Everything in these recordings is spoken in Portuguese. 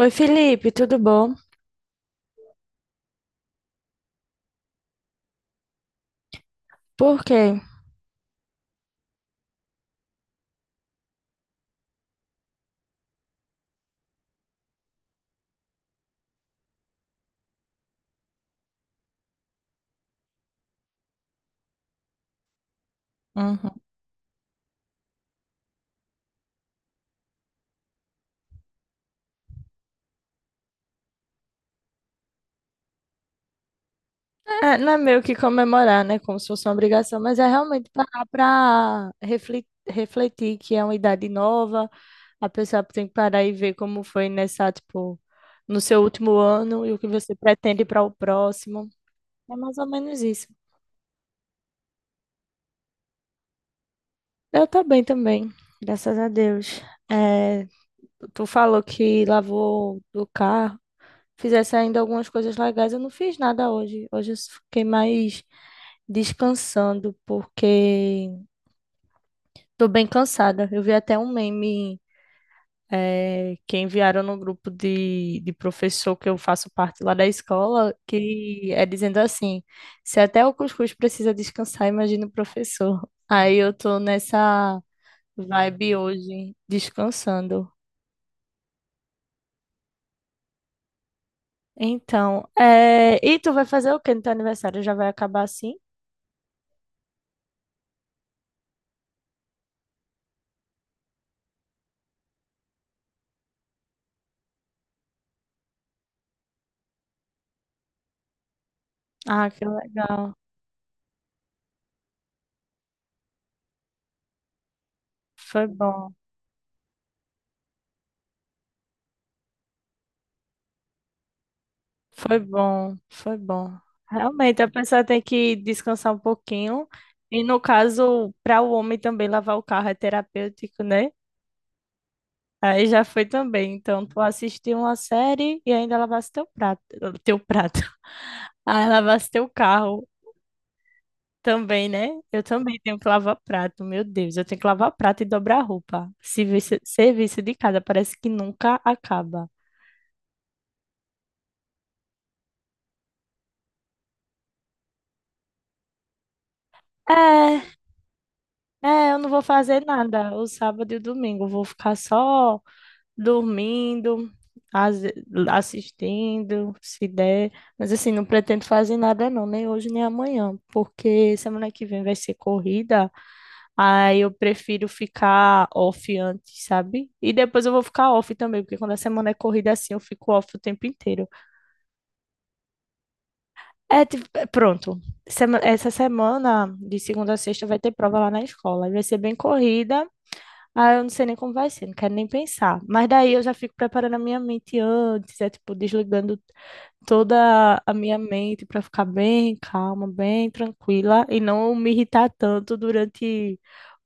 Oi, Felipe, tudo bom? Por quê? Uhum. É, não é meio que comemorar, né? Como se fosse uma obrigação, mas é realmente parar para refletir, refletir que é uma idade nova, a pessoa tem que parar e ver como foi nessa, tipo, no seu último ano e o que você pretende para o próximo. É mais ou menos isso. Eu tô bem também, graças a Deus. É, tu falou que lavou o carro, fizesse ainda algumas coisas legais. Eu não fiz nada hoje. Hoje eu fiquei mais descansando, porque tô bem cansada. Eu vi até um meme que enviaram no grupo de professor que eu faço parte lá da escola, que é dizendo assim: se até o cuscuz precisa descansar, imagina o professor. Aí eu tô nessa vibe hoje, descansando. Então, e tu vai fazer o quê no teu aniversário? Já vai acabar assim? Ah, que legal. Foi bom. Foi bom, foi bom. Realmente, a pessoa tem que descansar um pouquinho. E no caso, para o homem também lavar o carro é terapêutico, né? Aí já foi também. Então, tu assistiu uma série e ainda lavasse teu prato, teu prato. Aí lavasse teu carro também, né? Eu também tenho que lavar prato, meu Deus, eu tenho que lavar prato e dobrar roupa. Serviço de casa, parece que nunca acaba. É, eu não vou fazer nada. O sábado e o domingo eu vou ficar só dormindo, as- assistindo, se der. Mas assim, não pretendo fazer nada não, nem hoje nem amanhã, porque semana que vem vai ser corrida, aí eu prefiro ficar off antes, sabe? E depois eu vou ficar off também, porque quando a semana é corrida assim, eu fico off o tempo inteiro. É, tipo, é, pronto. Essa semana, de segunda a sexta, vai ter prova lá na escola. E Vai ser bem corrida. Ah, eu não sei nem como vai ser, não quero nem pensar. Mas daí eu já fico preparando a minha mente antes, é tipo, desligando toda a minha mente para ficar bem calma, bem tranquila e não me irritar tanto durante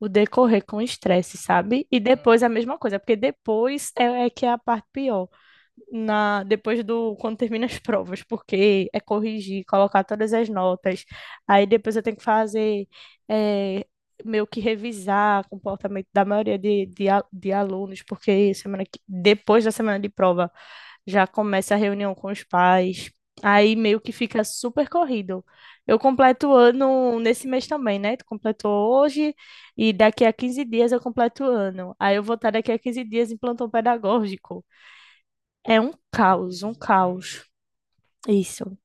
o decorrer com o estresse, sabe? E depois a mesma coisa, porque depois é que é a parte pior na depois do quando termina as provas, porque é corrigir, colocar todas as notas. Aí depois eu tenho que fazer é, meio que revisar o comportamento da maioria de alunos, porque depois da semana de prova já começa a reunião com os pais. Aí meio que fica super corrido. Eu completo o ano nesse mês também, né? Tu completou hoje e daqui a 15 dias eu completo o ano. Aí eu vou estar daqui a 15 dias em plantão pedagógico. É um caos, um caos. Isso.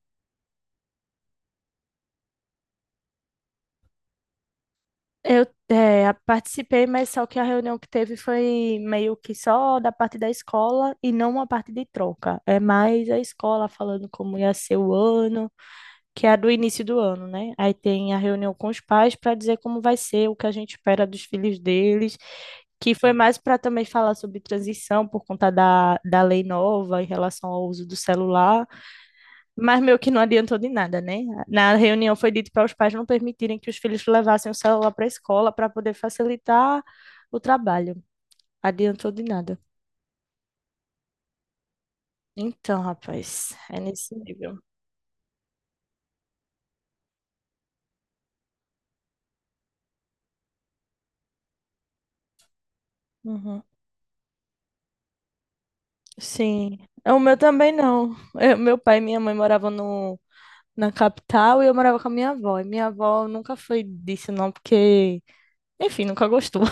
Eu eh, a participei, mas só que a reunião que teve foi meio que só da parte da escola e não uma parte de troca. É mais a escola falando como ia ser o ano, que é a do início do ano, né? Aí tem a reunião com os pais para dizer como vai ser, o que a gente espera dos filhos deles, que foi mais para também falar sobre transição por conta da lei nova em relação ao uso do celular. Mas meio que não adiantou de nada, né? Na reunião foi dito para os pais não permitirem que os filhos levassem o celular para a escola para poder facilitar o trabalho. Adiantou de nada. Então, rapaz, é nesse nível. Uhum. Sim. O meu também não. Meu pai e minha mãe moravam no, na capital e eu morava com a minha avó. E minha avó nunca foi disso, não, porque, enfim, nunca gostou.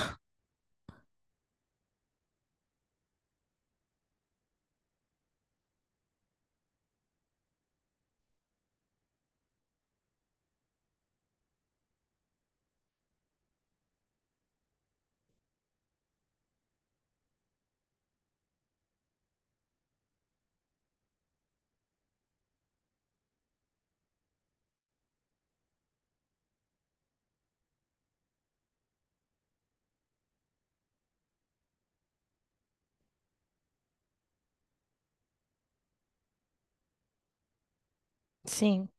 Sim.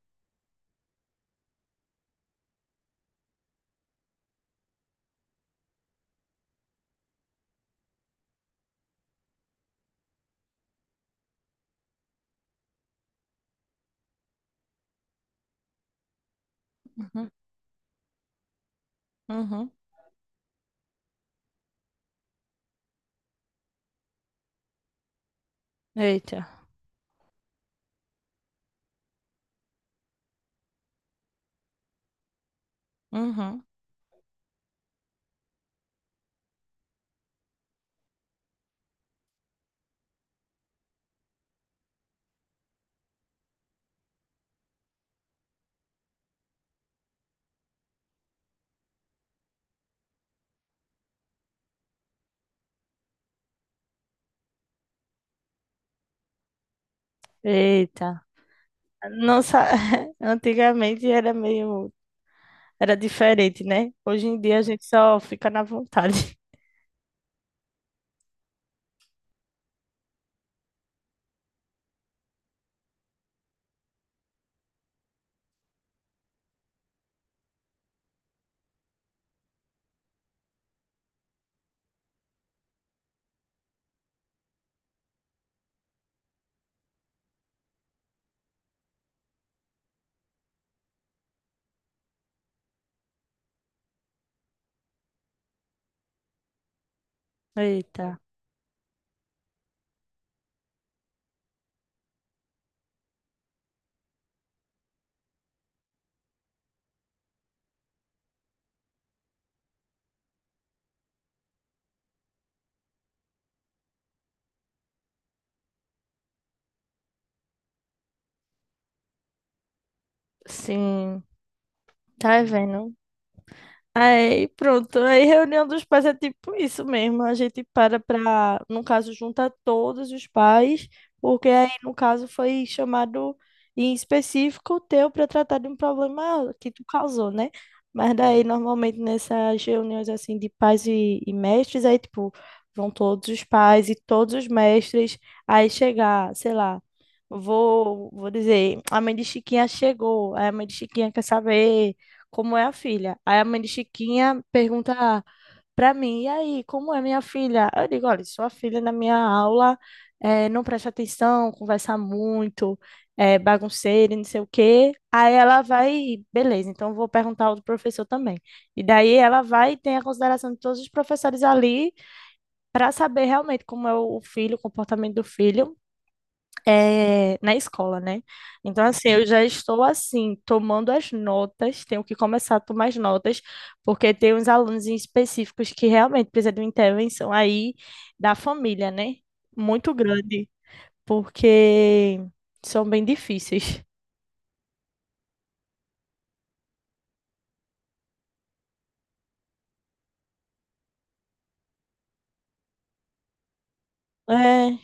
Uhum. Uhum. Eita. Uhum. Eita. Nossa, antigamente era meio, era diferente, né? Hoje em dia a gente só fica na vontade. Eita. Sim. Tá vendo? Aí, pronto. Aí, reunião dos pais é tipo isso mesmo. A gente para pra, no caso, junta todos os pais, porque aí, no caso, foi chamado em específico o teu para tratar de um problema que tu causou, né? Mas daí, normalmente, nessas reuniões, assim, de pais e mestres, aí, tipo, vão todos os pais e todos os mestres. Aí, chegar, sei lá, vou dizer, a mãe de Chiquinha chegou, aí a mãe de Chiquinha quer saber como é a filha. Aí a mãe de Chiquinha pergunta para mim, e aí, como é minha filha? Eu digo, olha, sua filha na minha aula não presta atenção, conversa muito, é bagunceira, e não sei o quê. Aí ela vai, beleza, então eu vou perguntar ao outro professor também. E daí ela vai e tem a consideração de todos os professores ali para saber realmente como é o filho, o comportamento do filho na escola, né? Então, assim, eu já estou, assim, tomando as notas, tenho que começar a tomar as notas, porque tem uns alunos em específicos que realmente precisam de uma intervenção aí da família, né? Muito grande, porque são bem difíceis. É.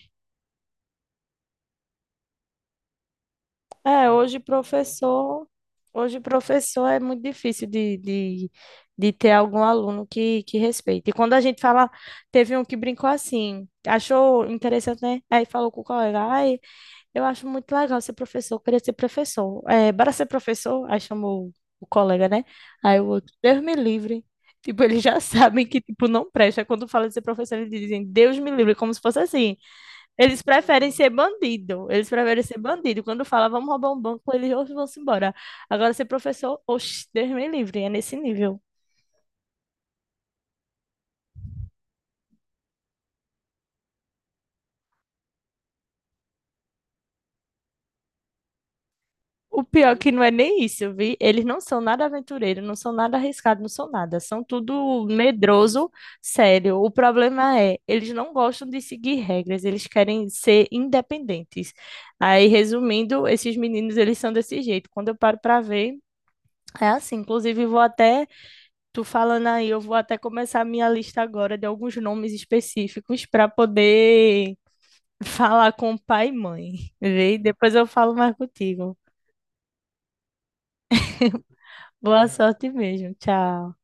É, hoje professor, hoje professor é muito difícil de ter algum aluno que respeite. E quando a gente fala, teve um que brincou assim, achou interessante, né? Aí falou com o colega, ai, eu acho muito legal ser professor, eu queria ser professor. É, bora ser professor? Aí chamou o colega, né? Aí o outro, Deus me livre. Tipo, eles já sabem que, tipo, não presta. Quando fala de ser professor, eles dizem, Deus me livre, como se fosse assim. Eles preferem ser bandido. Eles preferem ser bandido. Quando fala, vamos roubar um banco, eles "Oxe, vão-se embora. Agora, ser professor, oxe, Deus me livre, é nesse nível. O pior é que não é nem isso, vi? Eles não são nada aventureiros, não são nada arriscados, não são nada. São tudo medroso, sério. O problema é, eles não gostam de seguir regras, eles querem ser independentes. Aí, resumindo, esses meninos, eles são desse jeito. Quando eu paro para ver, é assim. Inclusive, vou até. Tu falando aí, eu vou até começar a minha lista agora de alguns nomes específicos para poder falar com pai e mãe. Vê? Depois eu falo mais contigo. Boa sorte mesmo. Tchau.